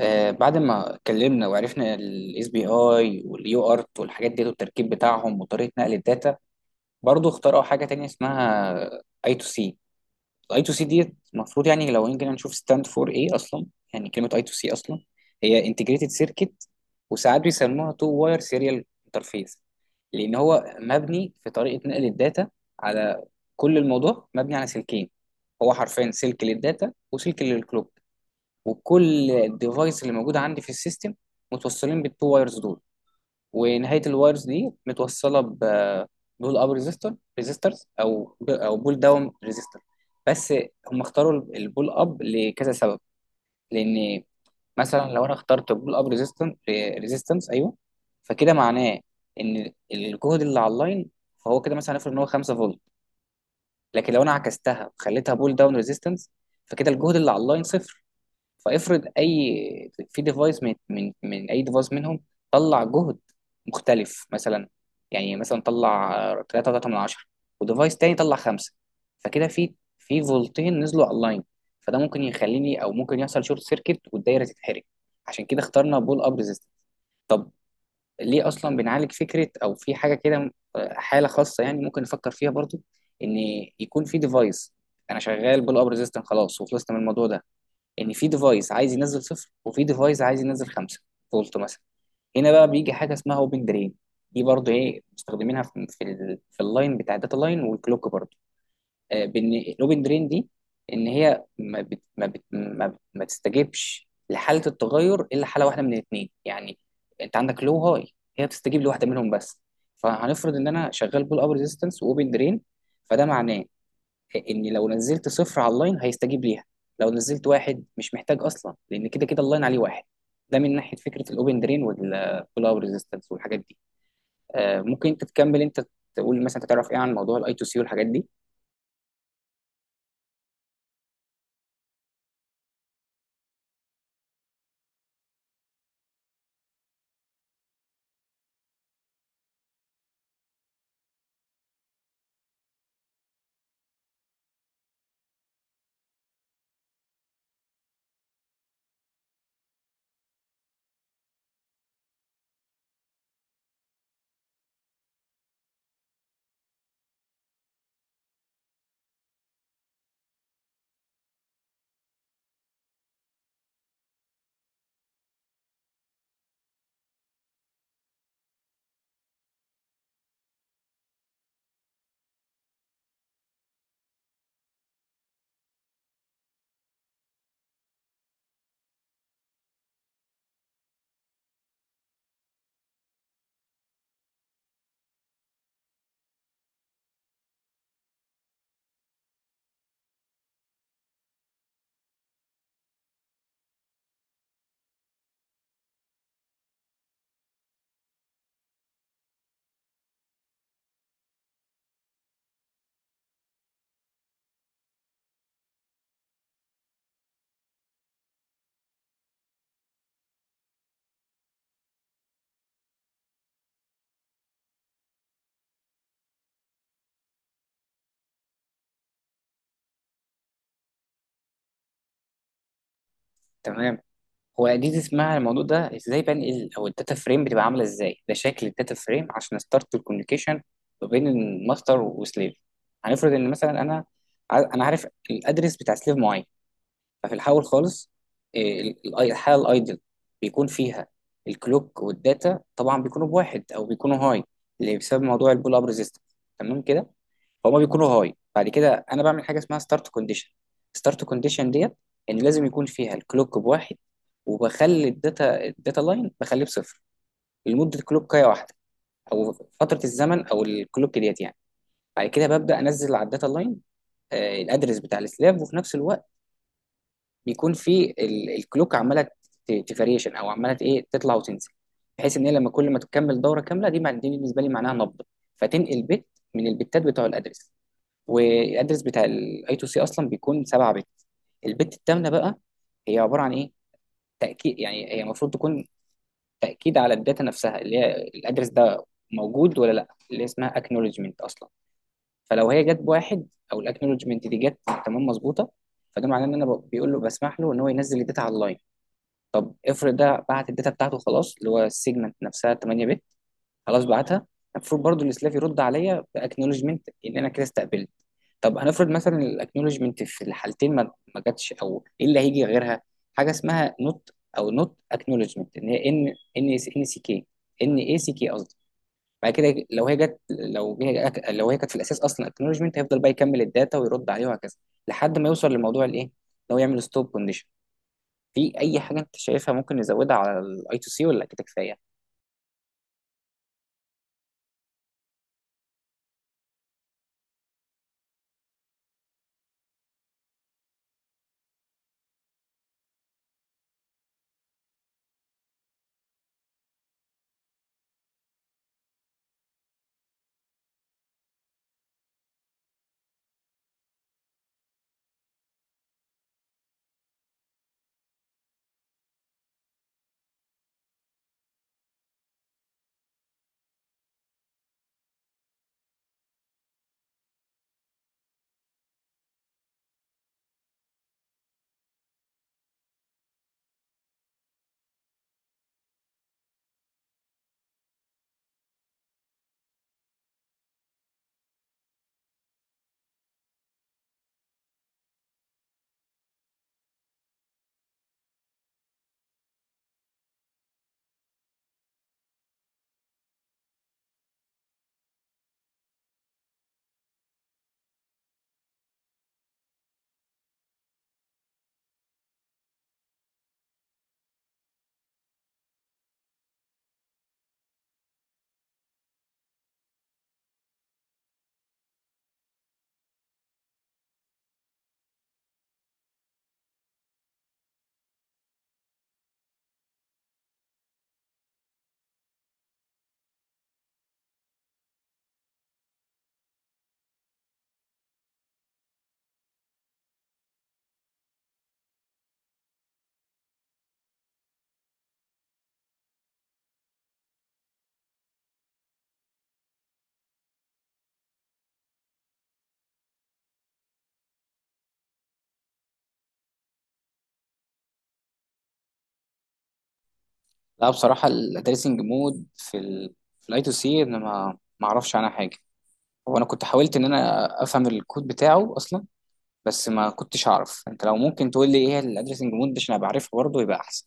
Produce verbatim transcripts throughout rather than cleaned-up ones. آه، بعد ما اتكلمنا وعرفنا الاس بي اي واليو ارت والحاجات دي والتركيب بتاعهم وطريقه نقل الداتا برضه اخترعوا حاجه تانية اسمها اي تو سي. الاي تو سي دي المفروض يعني لو يمكن نشوف ستاند فور ايه اصلا. يعني كلمه اي تو سي اصلا هي انتجريتد سيركت، وساعات بيسموها تو واير سيريال انترفيس، لان هو مبني في طريقه نقل الداتا على، كل الموضوع مبني على سلكين. هو حرفيا سلك للداتا وسلك للكلوك، وكل الديفايس اللي موجوده عندي في السيستم متوصلين بالتو وايرز دول، ونهايه الوايرز دي متوصله ب بول اب ريزيستور ريزيسترز او ب- او بول داون ريزيستور بس. هم اختاروا البول اب لكذا سبب، لان مثلا لو انا اخترت بول اب ريزيستنس، ريزيستنس ايوه، فكده معناه ان الجهد اللي على اللاين، فهو كده مثلا هنفرض ان هو خمسة فولت، لكن لو انا عكستها وخليتها بول داون ريزيستنس فكده الجهد اللي على اللاين صفر. فافرض اي في ديفايس من من من اي ديفايس منهم طلع جهد مختلف، مثلا يعني مثلا طلع 3 ثلاثة من عشرة، وديفايس تاني طلع خمسة، فكده في في فولتين نزلوا اونلاين، فده ممكن يخليني او ممكن يحصل شورت سيركت والدايره تتحرق. عشان كده اخترنا بول اب ريزيستنس. طب ليه اصلا بنعالج فكره او في حاجه كده، آه، حاله خاصه يعني ممكن نفكر فيها برضو، ان يكون في ديفايس، انا شغال بول اب ريزيستنس خلاص وخلصت من الموضوع ده، ان في ديفايس عايز ينزل صفر وفي ديفايس عايز ينزل خمسة فولت مثلا. هنا بقى بيجي حاجه اسمها اوبن درين. دي برضه ايه مستخدمينها في في, ال- في اللاين بتاع الداتا لاين والكلوك برضه. آه، بان الاوبن درين دي، ان هي ما بت ما بت ما, بت ما تستجيبش لحاله التغير الا حاله واحده من الاثنين يعني. انت عندك لو هاي، هي بتستجيب لواحده منهم بس. فهنفرض ان انا شغال بول اب ريزيستنس واوبن درين، فده معناه ان لو نزلت صفر على اللاين هيستجيب ليها، لو نزلت واحد مش محتاج اصلا لان كده كده اللاين عليه واحد. ده من ناحيه فكره الاوبن درين والبول اوت ريزيستنس والحاجات دي. آه، ممكن انت تكمل، انت تقول مثلا انت تعرف ايه عن موضوع الاي تو سي والحاجات دي. تمام. هو دي اسمها، الموضوع ده ازاي بنقل او الداتا فريم بتبقى عامله ازاي، ده شكل الداتا فريم عشان ستارت الكوميونيكيشن ما بين الماستر وسليف. هنفرض ان مثلا انا ع- انا عارف الادرس بتاع سليف معين. ففي الاول خالص، إيه، ال- ال- الحاله الايدل بيكون فيها الكلوك والداتا طبعا بيكونوا بواحد او بيكونوا هاي، اللي بسبب موضوع البول اب ريزيستنس. تمام كده. فهم بيكونوا هاي، بعد كده انا بعمل حاجه اسمها ستارت كونديشن. ستارت كونديشن ديت ان لازم يكون فيها الكلوك بواحد، وبخلي الداتا الداتا لاين بخليه بصفر لمده كلوكايه واحده، او فتره الزمن او الكلوك ديت يعني. بعد كده ببدا انزل على الداتا لاين الادرس بتاع السلاف، وفي نفس الوقت بيكون في ال- الكلوك عماله تفاريشن او عماله ايه، تطلع وتنزل، بحيث ان هي لما كل ما تكمل دوره كامله دي مع- دي بالنسبه لي معناها نبض، فتنقل بت من البتات بتوع الادرس. والادرس بتاع الاي تو سي اصلا بيكون سبعة بت. البت الثامنه بقى هي عباره عن ايه، تاكيد، يعني هي المفروض تكون تاكيد على الداتا نفسها اللي هي الادرس ده موجود ولا لا، اللي اسمها اكنولجمنت اصلا. فلو هي جت بواحد، او الاكنولجمنت دي جت تمام مظبوطه، فده معناه ان انا ب- بيقول له، بسمح له ان هو ينزل الداتا على اللاين. افرض ده بعت الداتا بتاعته خلاص، اللي هو السيجمنت نفسها ثمانية بت. خلاص بعتها، المفروض برضو السلاف يرد عليا باكنولجمنت ان انا كده استقبلت. طب هنفرض مثلا الاكنولجمنت في الحالتين ما ما جاتش، او ايه اللي هيجي غيرها، حاجه اسمها نوت، او نوت اكنولجمنت، ان هي ان ان ان سي كي، ان اي سي كي قصدي. بعد كده لو هي جت، لو هي لو هي كانت في الاساس اصلا اكنولجمنت، هيفضل بقى يكمل الداتا ويرد عليه وهكذا، لحد ما يوصل لموضوع الايه ان هو يعمل ستوب كونديشن. في اي حاجه انت شايفها ممكن نزودها على الاي تو سي ولا كده كفايه؟ لا بصراحه التريسنج مود في ال في الاي تو سي انا ما ما اعرفش عنها حاجه. هو انا كنت حاولت ان انا افهم الكود بتاعه اصلا، بس ما كنتش اعرف. انت لو ممكن تقول لي ايه الادريسنج مود ده عشان ابقى عارفها برضه يبقى احسن.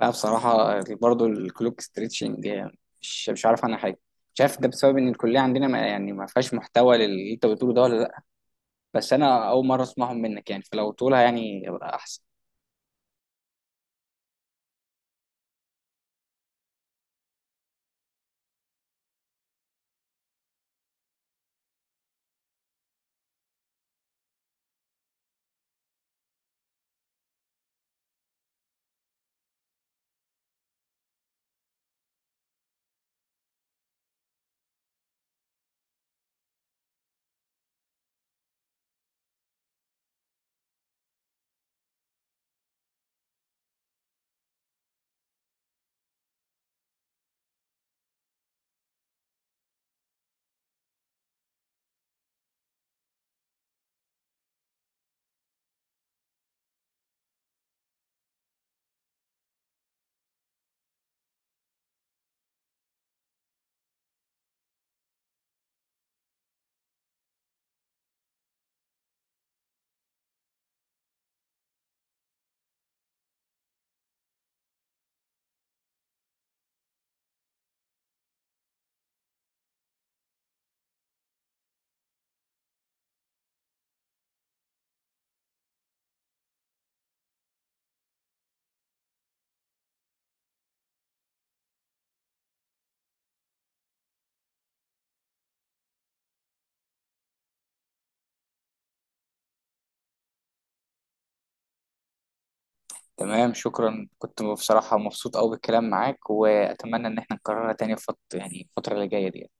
لا بصراحه برضه الكلوك ستريتشنج مش مش عارف عنها حاجه. مش عارف ده بسبب ان الكليه عندنا ما يعني ما فيهاش محتوى للي انت بتقوله ده ولا لا، بس انا اول مره اسمعهم منك يعني، فلو تقولها يعني يبقى احسن. تمام، شكرا. كنت بصراحة مبسوط أوي بالكلام معاك، وأتمنى إن احنا نكررها تاني في فت... يعني الفترة اللي جاية دي.